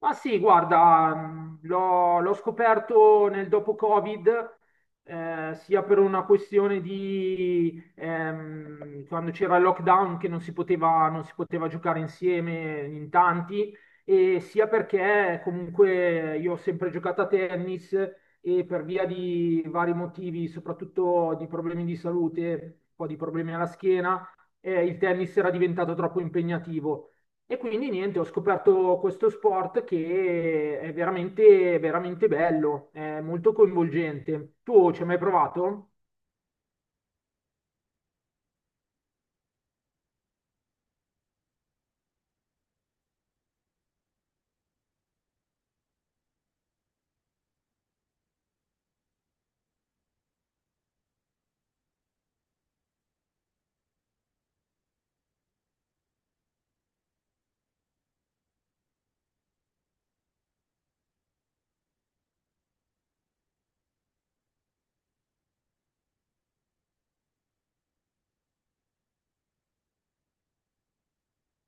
Ma sì, guarda, l'ho scoperto nel dopo-Covid, sia per una questione di quando c'era il lockdown che non si poteva giocare insieme in tanti, e sia perché comunque io ho sempre giocato a tennis e per via di vari motivi, soprattutto di problemi di salute, un po' di problemi alla schiena. Il tennis era diventato troppo impegnativo. E quindi niente, ho scoperto questo sport che è veramente, veramente bello, è molto coinvolgente. Tu ci hai mai provato?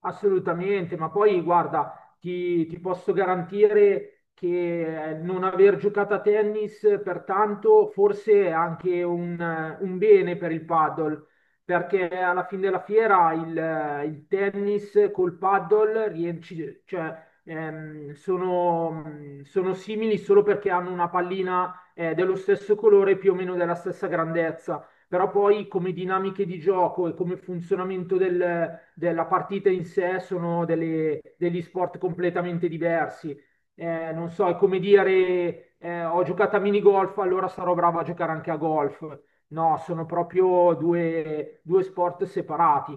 Assolutamente, ma poi guarda, ti posso garantire che non aver giocato a tennis pertanto forse è anche un bene per il paddle, perché alla fine della fiera il tennis col paddle cioè, sono simili solo perché hanno una pallina dello stesso colore, più o meno della stessa grandezza. Però poi come dinamiche di gioco e come funzionamento della partita in sé sono degli sport completamente diversi. Non so, è come dire, ho giocato a minigolf, allora sarò bravo a giocare anche a golf. No, sono proprio due sport separati.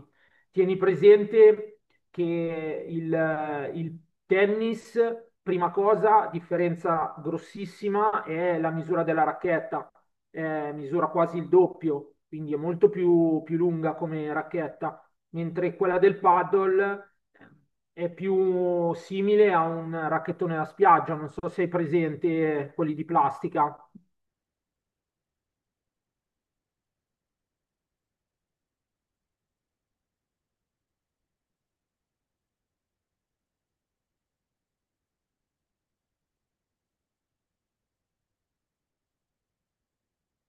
Tieni presente che il tennis, prima cosa, differenza grossissima è la misura della racchetta. Misura quasi il doppio, quindi è molto più lunga come racchetta, mentre quella del paddle è più simile a un racchettone da spiaggia, non so se hai presente, quelli di plastica.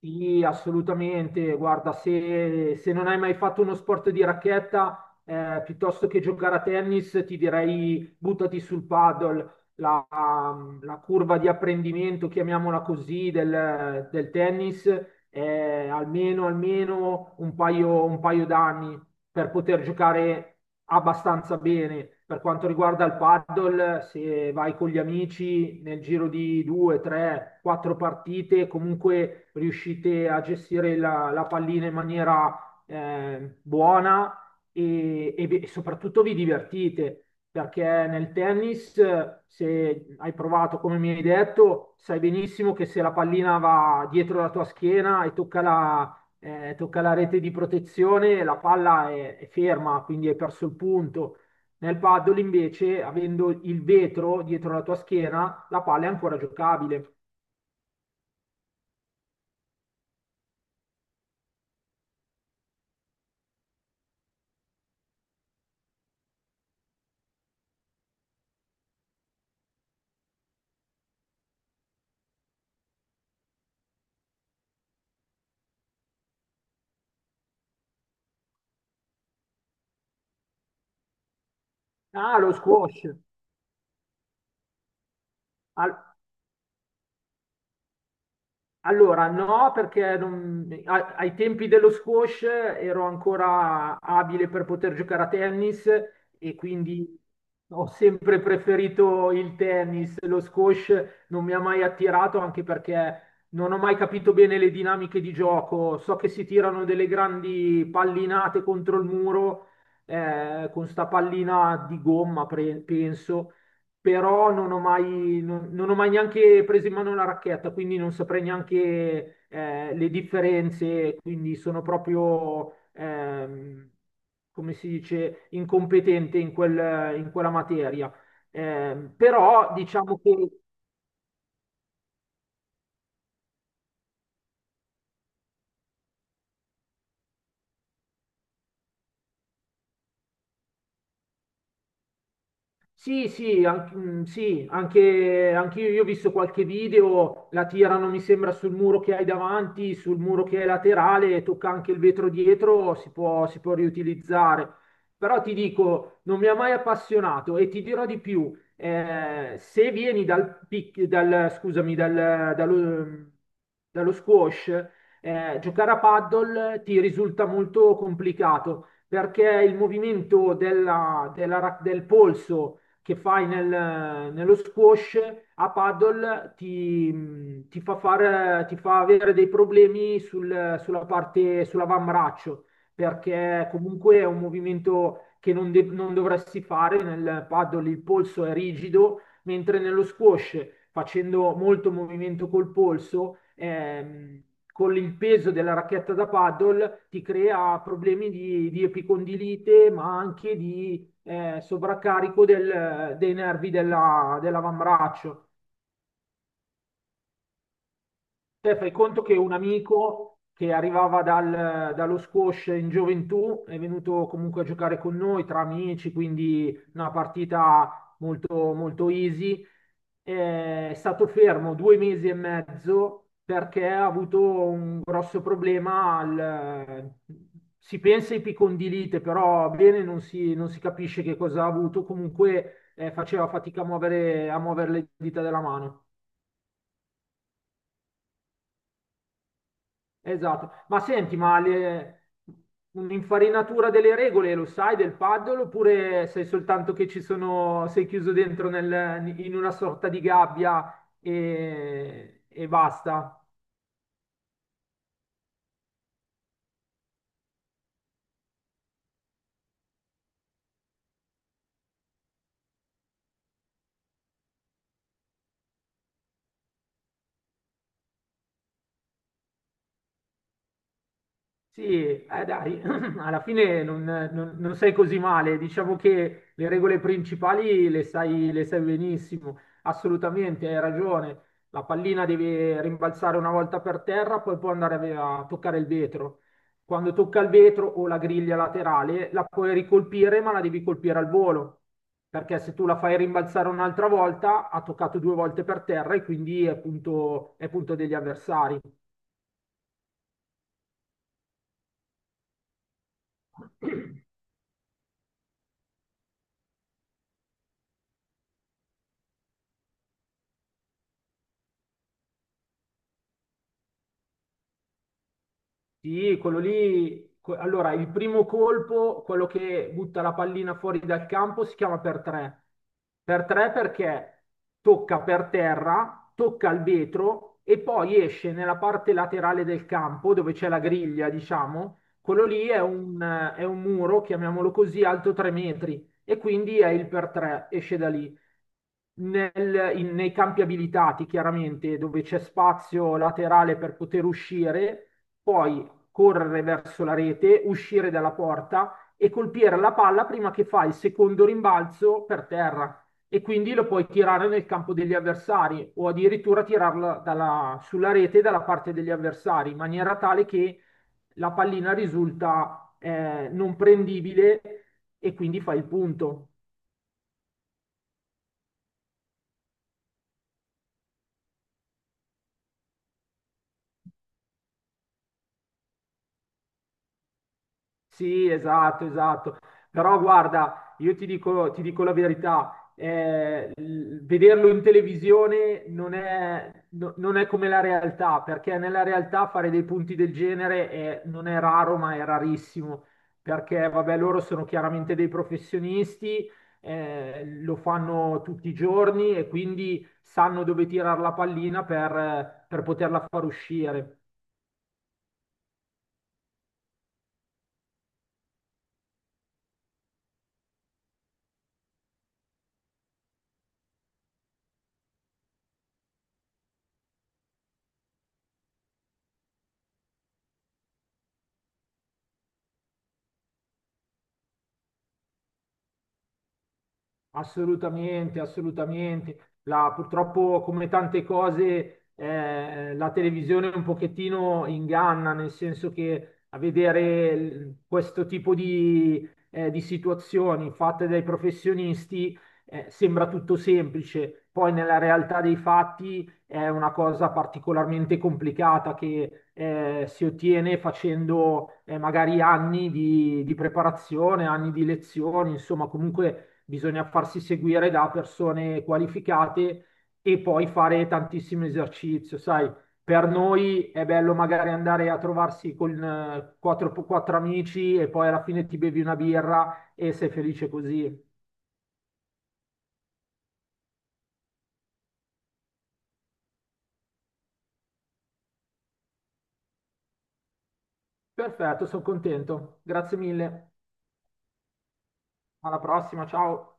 Sì, assolutamente. Guarda, se non hai mai fatto uno sport di racchetta, piuttosto che giocare a tennis, ti direi buttati sul paddle. La curva di apprendimento, chiamiamola così, del tennis è almeno, almeno un paio d'anni per poter giocare abbastanza bene. Per quanto riguarda il paddle, se vai con gli amici nel giro di due, tre, quattro partite, comunque riuscite a gestire la pallina in maniera buona, e soprattutto vi divertite. Perché nel tennis, se hai provato come mi hai detto, sai benissimo che se la pallina va dietro la tua schiena e tocca la rete di protezione, la palla è ferma, quindi hai perso il punto. Nel paddle invece, avendo il vetro dietro la tua schiena, la palla è ancora giocabile. Ah, lo squash. Al- Allora, no, perché ai tempi dello squash ero ancora abile per poter giocare a tennis e quindi ho sempre preferito il tennis. Lo squash non mi ha mai attirato, anche perché non ho mai capito bene le dinamiche di gioco. So che si tirano delle grandi pallinate contro il muro, con sta pallina di gomma, penso, però non ho mai neanche preso in mano la racchetta, quindi non saprei neanche, le differenze, quindi sono proprio, come si dice, incompetente in quella materia. Però diciamo che Sì, sì, sì, anche io, ho visto qualche video, la tirano, mi sembra, sul muro che hai davanti, sul muro che è laterale, tocca anche il vetro dietro, si può riutilizzare. Però ti dico, non mi ha mai appassionato, e ti dirò di più, se vieni scusami, dallo squash, giocare a paddle ti risulta molto complicato perché il movimento del polso che fai nello squash a paddle ti fa avere dei problemi sulla parte, sull'avambraccio, perché comunque è un movimento che non dovresti fare nel paddle, il polso è rigido, mentre nello squash, facendo molto movimento col polso, con il peso della racchetta da paddle ti crea problemi di epicondilite, ma anche di sovraccarico dei nervi dell'avambraccio. Te fai conto che un amico che arrivava dallo squash in gioventù è venuto comunque a giocare con noi tra amici, quindi una partita molto, molto easy. È stato fermo 2 mesi e mezzo perché ha avuto un grosso problema al. Si pensa ai picondilite, però bene non si capisce che cosa ha avuto. Comunque, faceva fatica a muovere, le dita della mano. Esatto, ma senti, un'infarinatura delle regole lo sai del paddle, oppure sei soltanto che ci sono, sei chiuso dentro in una sorta di gabbia, e basta? Sì, dai, alla fine non sei così male, diciamo che le regole principali le sai benissimo, assolutamente, hai ragione, la pallina deve rimbalzare una volta per terra, poi può andare a toccare il vetro. Quando tocca il vetro o la griglia laterale, la puoi ricolpire, ma la devi colpire al volo, perché se tu la fai rimbalzare un'altra volta, ha toccato due volte per terra e quindi è punto degli avversari. Sì, quello lì. Allora, il primo colpo, quello che butta la pallina fuori dal campo, si chiama per tre. Per tre perché tocca per terra, tocca il vetro e poi esce nella parte laterale del campo dove c'è la griglia, diciamo. Quello lì è un muro, chiamiamolo così, alto 3 metri, e quindi è il per tre, esce da lì. Nei campi abilitati, chiaramente, dove c'è spazio laterale per poter uscire. Poi correre verso la rete, uscire dalla porta e colpire la palla prima che fa il secondo rimbalzo per terra. E quindi lo puoi tirare nel campo degli avversari, o addirittura tirarla sulla rete dalla parte degli avversari, in maniera tale che la pallina risulta, non prendibile, e quindi fai il punto. Sì, esatto, esatto. Però guarda, io ti dico la verità, vederlo in televisione non è come la realtà, perché nella realtà fare dei punti del genere non è raro, ma è rarissimo, perché vabbè, loro sono chiaramente dei professionisti, lo fanno tutti i giorni e quindi sanno dove tirare la pallina per poterla far uscire. Assolutamente, assolutamente. Purtroppo, come tante cose, la televisione un pochettino inganna, nel senso che a vedere questo tipo di situazioni fatte dai professionisti, sembra tutto semplice. Poi nella realtà dei fatti è una cosa particolarmente complicata che, si ottiene facendo, magari anni di preparazione, anni di lezioni, insomma, comunque bisogna farsi seguire da persone qualificate e poi fare tantissimo esercizio, sai. Per noi è bello magari andare a trovarsi con, quattro amici, e poi alla fine ti bevi una birra e sei felice così. Perfetto, sono contento. Grazie mille. Alla prossima, ciao.